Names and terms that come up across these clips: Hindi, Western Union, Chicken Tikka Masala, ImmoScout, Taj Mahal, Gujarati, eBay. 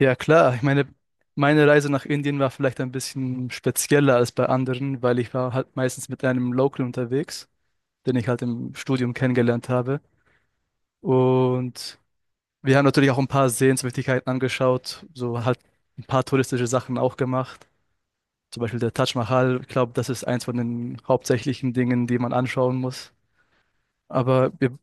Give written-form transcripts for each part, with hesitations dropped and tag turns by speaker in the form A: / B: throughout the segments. A: Ja, klar. Ich meine, meine Reise nach Indien war vielleicht ein bisschen spezieller als bei anderen, weil ich war halt meistens mit einem Local unterwegs, den ich halt im Studium kennengelernt habe. Und wir haben natürlich auch ein paar Sehenswürdigkeiten angeschaut, so halt ein paar touristische Sachen auch gemacht. Zum Beispiel der Taj Mahal. Ich glaube, das ist eins von den hauptsächlichen Dingen, die man anschauen muss. Aber wir,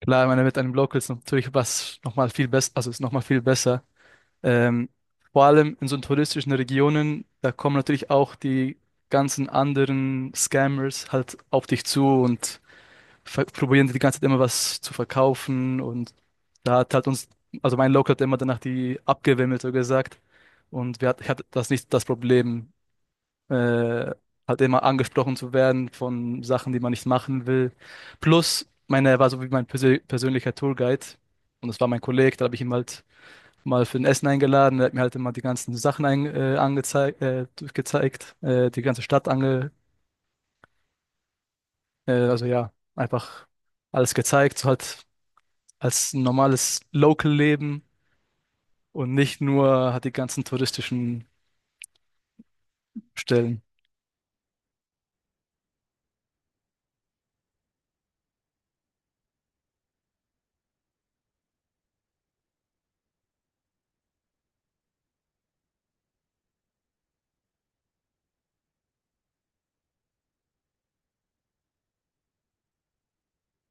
A: klar, ich meine, mit einem Local ist natürlich was nochmal viel besser, also ist nochmal viel besser. Ähm, Vor allem in so touristischen Regionen, da kommen natürlich auch die ganzen anderen Scammers halt auf dich zu und probieren dir die ganze Zeit immer was zu verkaufen. Und da hat halt uns, also mein Local hat immer danach die abgewimmelt, so gesagt. Und wir hat, ich hatte das nicht das Problem, äh, halt immer angesprochen zu werden von Sachen, die man nicht machen will. Plus, meine, er war so wie mein persönlicher Tourguide. Und das war mein Kollege, da habe ich ihm halt mal für ein Essen eingeladen. Er hat mir halt immer die ganzen Sachen ein, angezeigt, gezeigt, die ganze Stadt also ja, einfach alles gezeigt, so halt als normales Local-Leben und nicht nur hat die ganzen touristischen Stellen.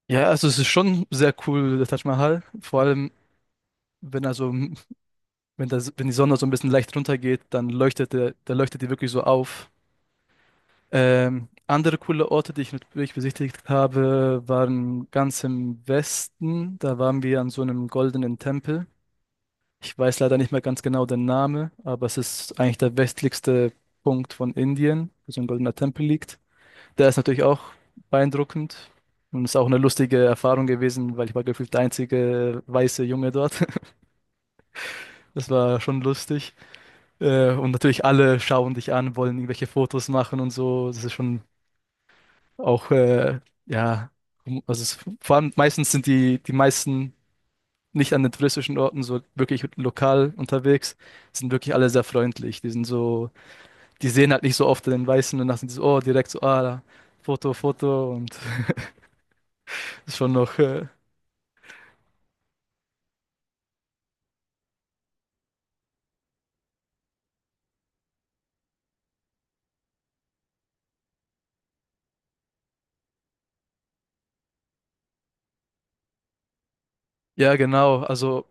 A: Ja, also es ist schon sehr cool, der Taj Mahal. Vor allem, wenn er so, wenn das, wenn die Sonne so ein bisschen leicht runtergeht, dann leuchtet der, da leuchtet die wirklich so auf. Andere coole Orte, die ich natürlich besichtigt habe, waren ganz im Westen. Da waren wir an so einem goldenen Tempel. Ich weiß leider nicht mehr ganz genau den Namen, aber es ist eigentlich der westlichste Punkt von Indien, wo so ein goldener Tempel liegt. Der ist natürlich auch beeindruckend und ist auch eine lustige Erfahrung gewesen, weil ich war gefühlt der einzige weiße Junge dort. Das war schon lustig. Und natürlich alle schauen dich an, wollen irgendwelche Fotos machen und so. Das ist schon auch, ja, also es, vor allem meistens sind die meisten nicht an den touristischen Orten so wirklich lokal unterwegs, sind wirklich alle sehr freundlich. Die sind so, die sehen halt nicht so oft den Weißen und dann sind die so, oh, direkt so, ah, da, Foto, Foto und ist schon noch, ja, genau, also.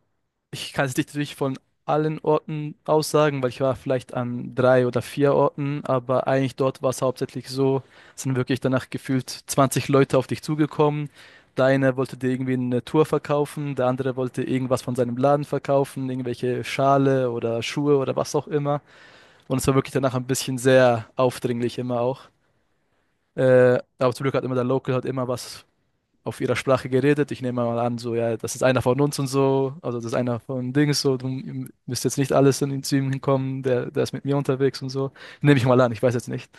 A: Ich kann es nicht natürlich von allen Orten aussagen, weil ich war vielleicht an drei oder vier Orten, aber eigentlich dort war es hauptsächlich so, es sind wirklich danach gefühlt 20 Leute auf dich zugekommen. Der eine wollte dir irgendwie eine Tour verkaufen, der andere wollte irgendwas von seinem Laden verkaufen, irgendwelche Schale oder Schuhe oder was auch immer. Und es war wirklich danach ein bisschen sehr aufdringlich immer auch. Aber zum Glück hat immer der Local hat immer was auf ihrer Sprache geredet. Ich nehme mal an, so, ja, das ist einer von uns und so, also das ist einer von Dings, so, du müsst jetzt nicht alles in zu ihm hinkommen, der ist mit mir unterwegs und so. Nehme ich mal an, ich weiß jetzt nicht.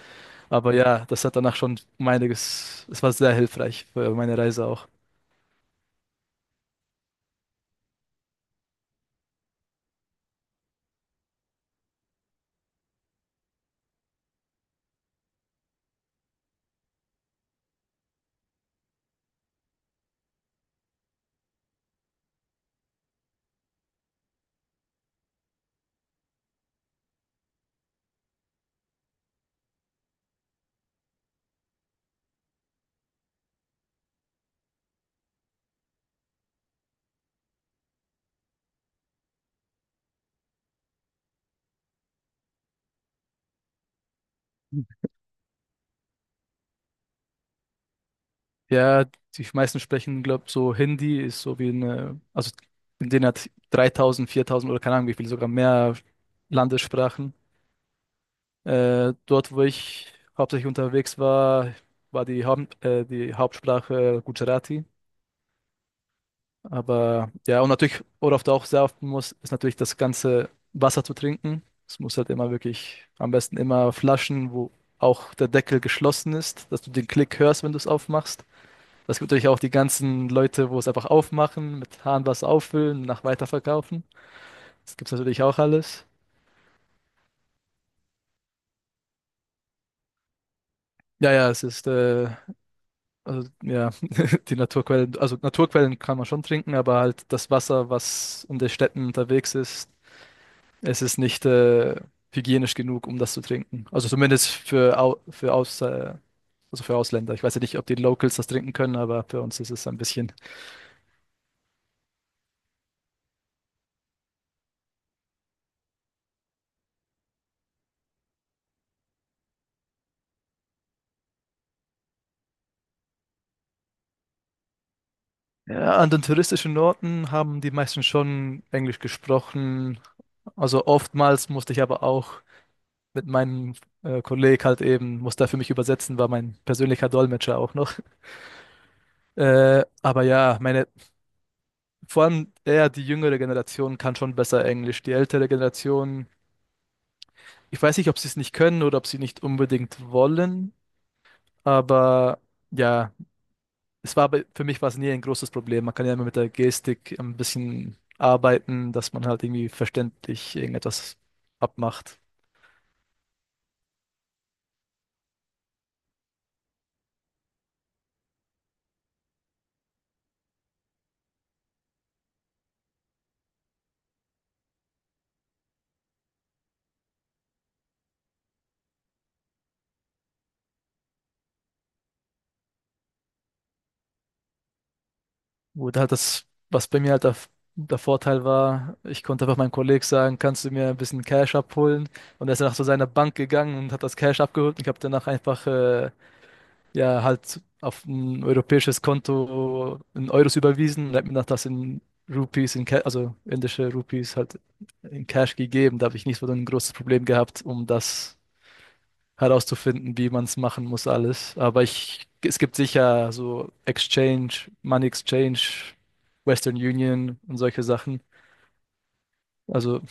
A: Aber ja, das hat danach schon um einiges, es war sehr hilfreich für meine Reise auch. Ja, die meisten sprechen, glaube ich, so Hindi ist so wie eine, also in denen hat 3000, 4000 oder keine Ahnung wie viel, sogar mehr Landessprachen. Dort, wo ich hauptsächlich unterwegs war, war die Hauptsprache Gujarati. Aber ja, und natürlich, worauf du auch sehr achten musst, ist natürlich das ganze Wasser zu trinken. Es muss halt immer wirklich, am besten immer Flaschen, wo auch der Deckel geschlossen ist, dass du den Klick hörst, wenn du es aufmachst. Das gibt natürlich auch die ganzen Leute, wo es einfach aufmachen, mit Hahnwasser auffüllen, nach weiterverkaufen. Das gibt's natürlich auch alles. Ja, ja, es ist also, ja, die Naturquellen, also Naturquellen kann man schon trinken, aber halt das Wasser, was in den Städten unterwegs ist, es ist nicht hygienisch genug, um das zu trinken. Also zumindest für, Au für, Aus also für Ausländer. Ich weiß ja nicht, ob die Locals das trinken können, aber für uns ist es ein bisschen. Ja, an den touristischen Orten haben die meisten schon Englisch gesprochen. Also oftmals musste ich aber auch mit meinem Kollegen halt eben, musste er für mich übersetzen, war mein persönlicher Dolmetscher auch noch. Aber ja, meine, vor allem eher die jüngere Generation kann schon besser Englisch. Die ältere Generation, ich weiß nicht, ob sie es nicht können oder ob sie nicht unbedingt wollen, aber ja, es war für mich war es nie ein großes Problem. Man kann ja immer mit der Gestik ein bisschen arbeiten, dass man halt irgendwie verständlich irgendetwas abmacht. Gut, halt das, was bei mir halt der Vorteil war, ich konnte einfach meinem Kollegen sagen, kannst du mir ein bisschen Cash abholen? Und er ist danach zu seiner Bank gegangen und hat das Cash abgeholt. Und ich habe danach einfach, ja, halt auf ein europäisches Konto in Euros überwiesen und hat mir danach das in Rupees, in also indische Rupees halt in Cash gegeben. Da habe ich nicht so ein großes Problem gehabt, um das herauszufinden, wie man es machen muss, alles. Aber ich, es gibt sicher so Exchange, Money Exchange, Western Union und solche Sachen. Also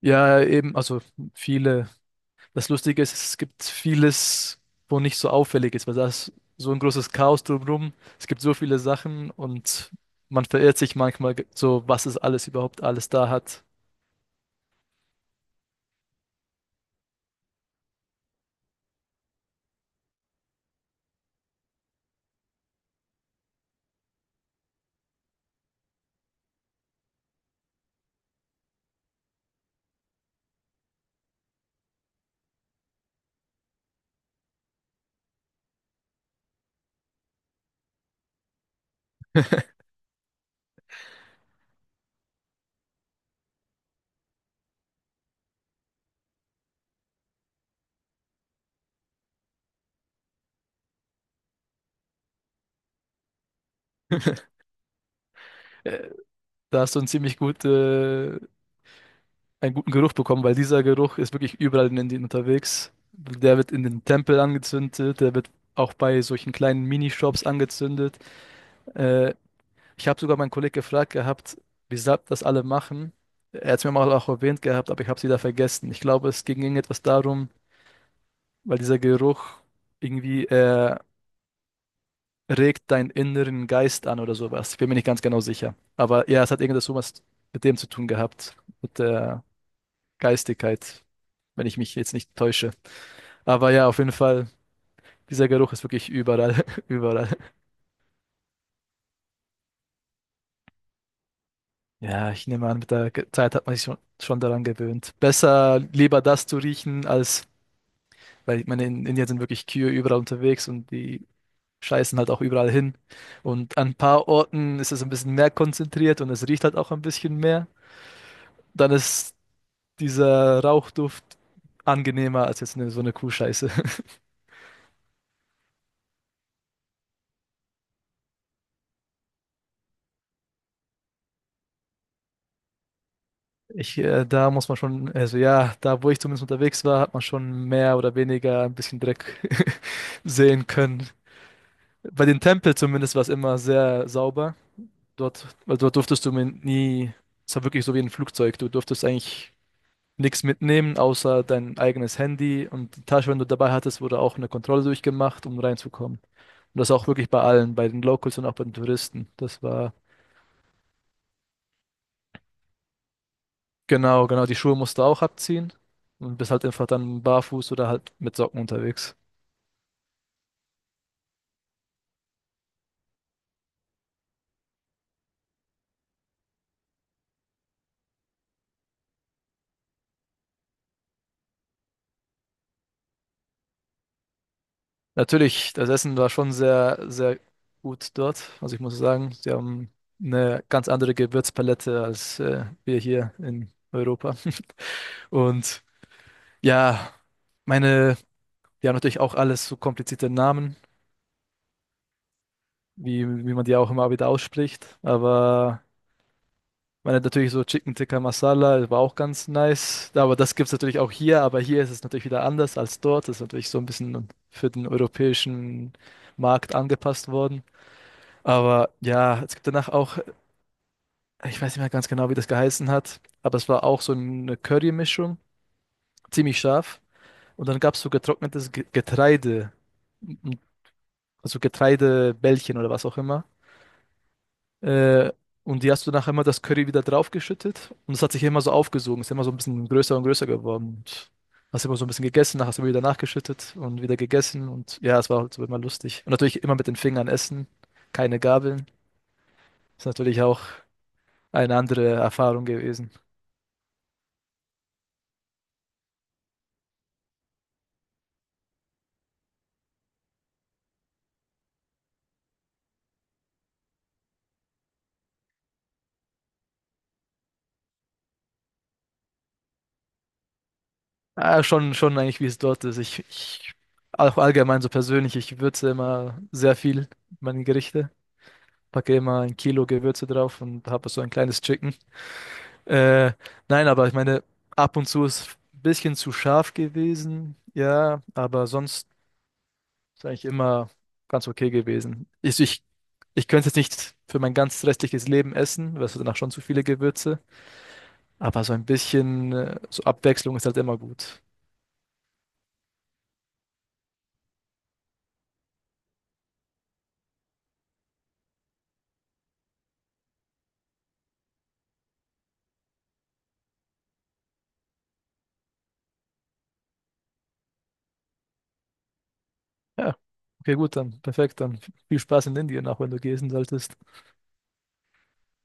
A: ja, eben, also viele. Das Lustige ist, es gibt vieles, wo nicht so auffällig ist, weil da ist so ein großes Chaos drumherum. Es gibt so viele Sachen und man verirrt sich manchmal so, was es alles überhaupt alles da hat. Äh, Da hast du eine ziemlich gute einen guten Geruch bekommen, weil dieser Geruch ist wirklich überall in Indien unterwegs. Der wird in den Tempeln angezündet, der wird auch bei solchen kleinen Minishops angezündet. Äh, Ich habe sogar meinen Kollegen gefragt gehabt, wieso das alle machen. Er hat es mir mal auch erwähnt gehabt, aber ich habe es wieder vergessen. Ich glaube, es ging irgendetwas darum, weil dieser Geruch irgendwie regt deinen inneren Geist an oder sowas. Ich bin mir nicht ganz genau sicher. Aber ja, es hat irgendetwas sowas mit dem zu tun gehabt, mit der Geistigkeit, wenn ich mich jetzt nicht täusche. Aber ja, auf jeden Fall, dieser Geruch ist wirklich überall, überall. Ja, ich nehme an, mit der Zeit hat man sich schon, daran gewöhnt. Besser lieber das zu riechen, als, weil ich meine, in Indien sind wirklich Kühe überall unterwegs und die scheißen halt auch überall hin. Und an ein paar Orten ist es ein bisschen mehr konzentriert und es riecht halt auch ein bisschen mehr. Dann ist dieser Rauchduft angenehmer als jetzt eine, so eine Kuhscheiße. Da muss man schon, also ja, da wo ich zumindest unterwegs war, hat man schon mehr oder weniger ein bisschen Dreck sehen können. Bei den Tempeln zumindest war es immer sehr sauber. Dort, weil dort durftest du mir nie, es war wirklich so wie ein Flugzeug, du durftest eigentlich nichts mitnehmen, außer dein eigenes Handy und die Tasche, wenn du dabei hattest, wurde auch eine Kontrolle durchgemacht, um reinzukommen. Und das auch wirklich bei allen, bei den Locals und auch bei den Touristen. Das war. Genau, genau, die Schuhe musst du auch abziehen und bist halt einfach dann barfuß oder halt mit Socken unterwegs. Natürlich, das Essen war schon sehr, sehr gut dort. Also ich muss sagen, sie haben eine ganz andere Gewürzpalette als wir hier in Europa. Und ja, meine, die haben natürlich auch alles so komplizierte Namen, wie man die auch immer wieder ausspricht. Aber man hat natürlich so Chicken Tikka Masala, das war auch ganz nice. Aber das gibt es natürlich auch hier, aber hier ist es natürlich wieder anders als dort. Das ist natürlich so ein bisschen für den europäischen Markt angepasst worden. Aber ja, es gibt danach auch, ich weiß nicht mehr ganz genau, wie das geheißen hat, aber es war auch so eine Curry-Mischung, ziemlich scharf. Und dann gab es so getrocknetes Getreide, m- m- also Getreidebällchen oder was auch immer. Äh, und die hast du nachher immer das Curry wieder draufgeschüttet und es hat sich immer so aufgesogen, ist immer so ein bisschen größer und größer geworden und hast immer so ein bisschen gegessen, nachher hast du immer wieder nachgeschüttet und wieder gegessen und ja, es war halt so immer lustig. Und natürlich immer mit den Fingern essen, keine Gabeln. Ist natürlich auch eine andere Erfahrung gewesen. Ah, schon, schon eigentlich, wie es dort ist. Ich auch allgemein so persönlich, ich würze immer sehr viel meine Gerichte, packe immer ein Kilo Gewürze drauf und habe so ein kleines Chicken. Äh, nein, aber ich meine, ab und zu ist ein bisschen zu scharf gewesen, ja, aber sonst ist eigentlich immer ganz okay gewesen. Ich könnte es nicht für mein ganzes restliches Leben essen, weil es danach schon zu viele Gewürze, aber so ein bisschen so Abwechslung ist halt immer gut. Ja, okay, gut, dann perfekt, dann viel Spaß in Indien, auch wenn du gehen solltest.